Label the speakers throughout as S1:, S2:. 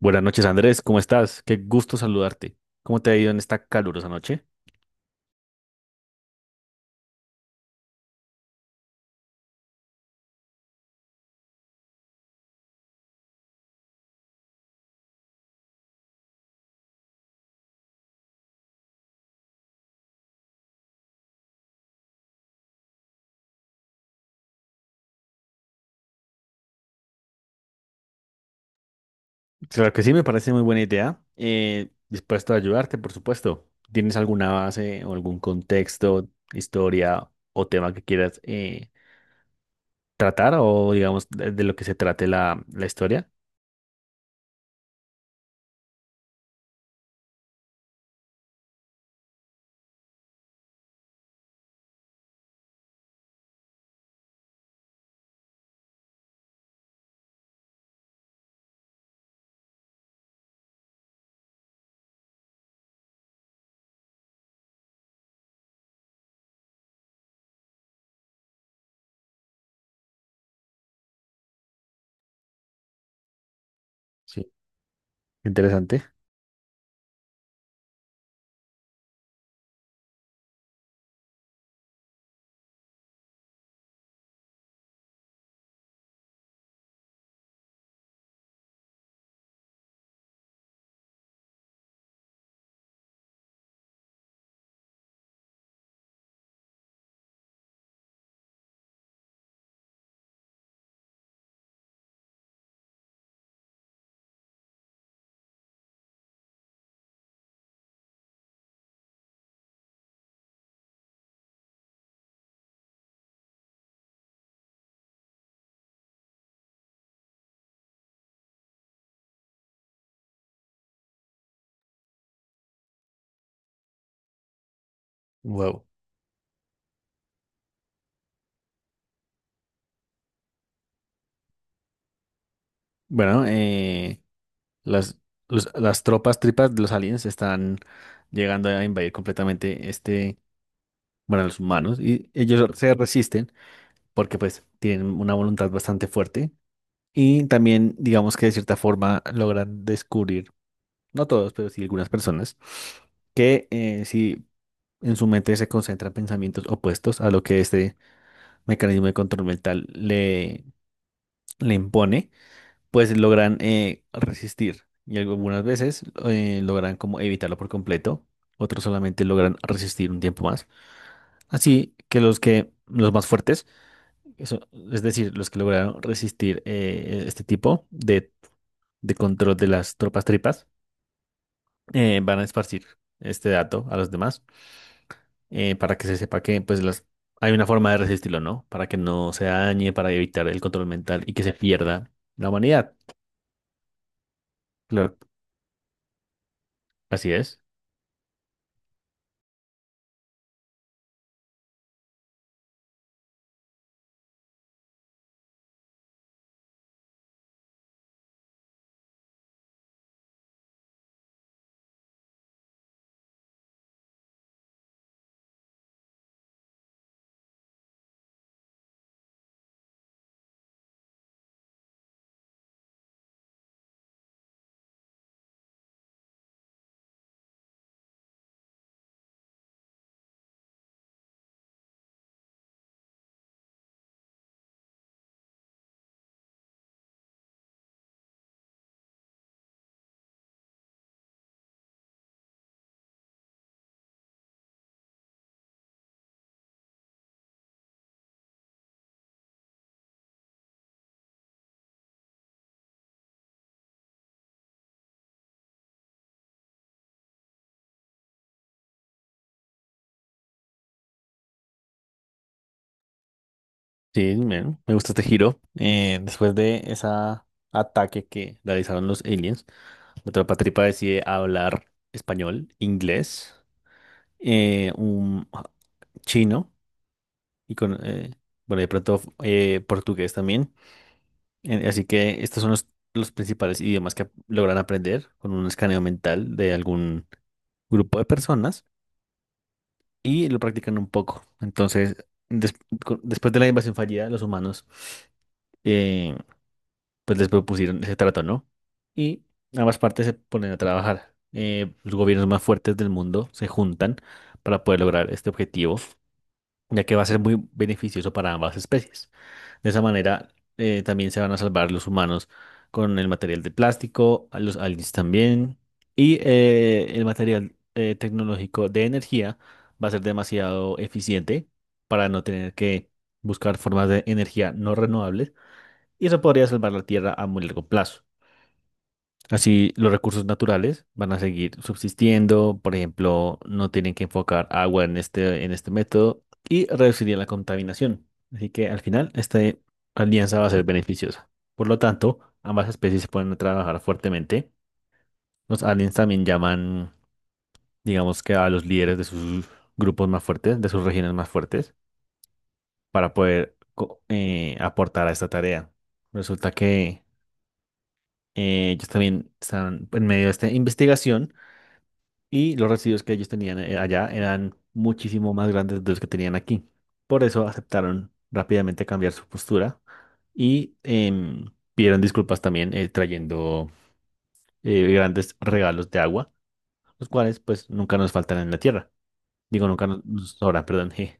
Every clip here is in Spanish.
S1: Buenas noches, Andrés. ¿Cómo estás? Qué gusto saludarte. ¿Cómo te ha ido en esta calurosa noche? Claro que sí, me parece muy buena idea. Dispuesto a ayudarte, por supuesto. ¿Tienes alguna base o algún contexto, historia o tema que quieras tratar o, digamos, de lo que se trate la historia? Sí. Interesante. Wow. Bueno, las, las tropas tripas de los aliens están llegando a invadir completamente este, bueno, a los humanos y ellos se resisten porque pues tienen una voluntad bastante fuerte y también digamos que de cierta forma logran descubrir, no todos, pero sí algunas personas, que si en su mente se concentran pensamientos opuestos a lo que este mecanismo de control mental le impone, pues logran resistir y algunas veces logran como evitarlo por completo, otros solamente logran resistir un tiempo más. Así que los más fuertes, eso, es decir, los que lograron resistir este tipo de control de las tropas tripas van a esparcir este dato a los demás para que se sepa que pues las hay una forma de resistirlo, ¿no? Para que no se dañe, para evitar el control mental y que se pierda la humanidad. Claro, así es. Sí, me gusta este giro. Después de ese ataque que realizaron los aliens, la tropa tripa decide hablar español, inglés, un chino y con, bueno, de pronto portugués también. Así que estos son los principales idiomas que logran aprender con un escaneo mental de algún grupo de personas y lo practican un poco. Entonces, des- después de la invasión fallida, los humanos eh, pues les propusieron ese trato, ¿no? Y ambas partes se ponen a trabajar. Los gobiernos más fuertes del mundo se juntan para poder lograr este objetivo ya que va a ser muy beneficioso para ambas especies. De esa manera, también se van a salvar los humanos con el material de plástico, a los aliens también, y el material tecnológico de energía va a ser demasiado eficiente para no tener que buscar formas de energía no renovables, y eso podría salvar la Tierra a muy largo plazo. Así los recursos naturales van a seguir subsistiendo, por ejemplo, no tienen que enfocar agua en en este método y reduciría la contaminación. Así que al final esta alianza va a ser beneficiosa. Por lo tanto, ambas especies se pueden trabajar fuertemente. Los aliens también llaman, digamos que a los líderes de sus grupos más fuertes, de sus regiones más fuertes, para poder aportar a esta tarea. Resulta que ellos también están en medio de esta investigación. Y los residuos que ellos tenían allá eran muchísimo más grandes de los que tenían aquí. Por eso aceptaron rápidamente cambiar su postura y pidieron disculpas también trayendo grandes regalos de agua, los cuales pues nunca nos faltan en la tierra. Digo, nunca nos, nos sobran, perdón, je.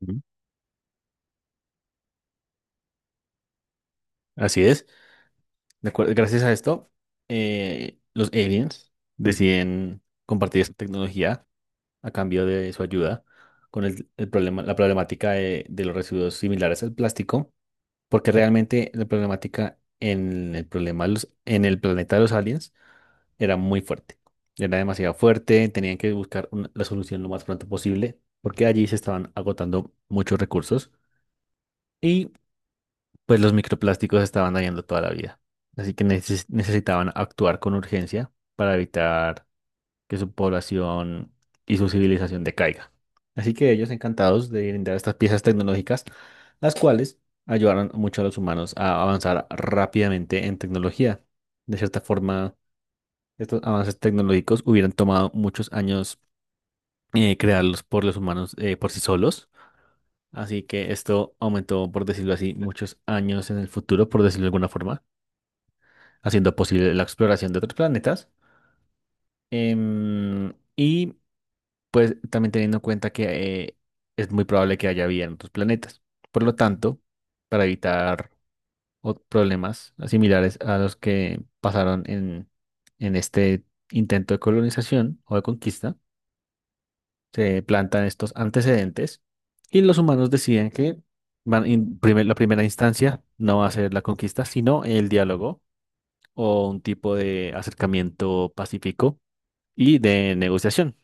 S1: Ujú. Así es. Gracias a esto, los aliens deciden compartir esta tecnología a cambio de su ayuda con el problema, la problemática de los residuos similares al plástico, porque realmente la problemática en el problema en el planeta de los aliens era muy fuerte. Era demasiado fuerte, tenían que buscar la solución lo más pronto posible, porque allí se estaban agotando muchos recursos y pues los microplásticos estaban dañando toda la vida. Así que necesitaban actuar con urgencia para evitar que su población y su civilización decaiga. Así que ellos encantados de brindar estas piezas tecnológicas, las cuales ayudaron mucho a los humanos a avanzar rápidamente en tecnología. De cierta forma, estos avances tecnológicos hubieran tomado muchos años crearlos por los humanos por sí solos. Así que esto aumentó, por decirlo así, muchos años en el futuro, por decirlo de alguna forma, haciendo posible la exploración de otros planetas. Y pues también teniendo en cuenta que es muy probable que haya vida en otros planetas. Por lo tanto, para evitar problemas similares a los que pasaron en este intento de colonización o de conquista, se plantan estos antecedentes y los humanos deciden que van en la primera instancia no va a ser la conquista, sino el diálogo o un tipo de acercamiento pacífico y de negociación.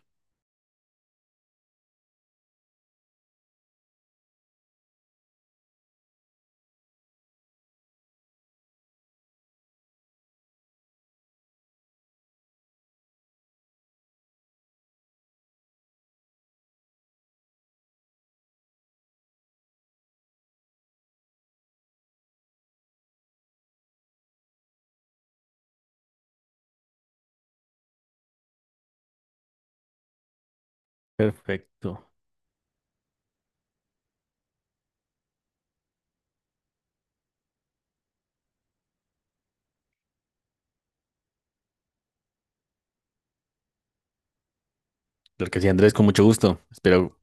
S1: Perfecto. Lo que sí, Andrés, con mucho gusto. Espero.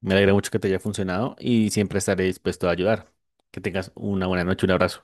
S1: Me alegra mucho que te haya funcionado y siempre estaré dispuesto a ayudar. Que tengas una buena noche, un abrazo.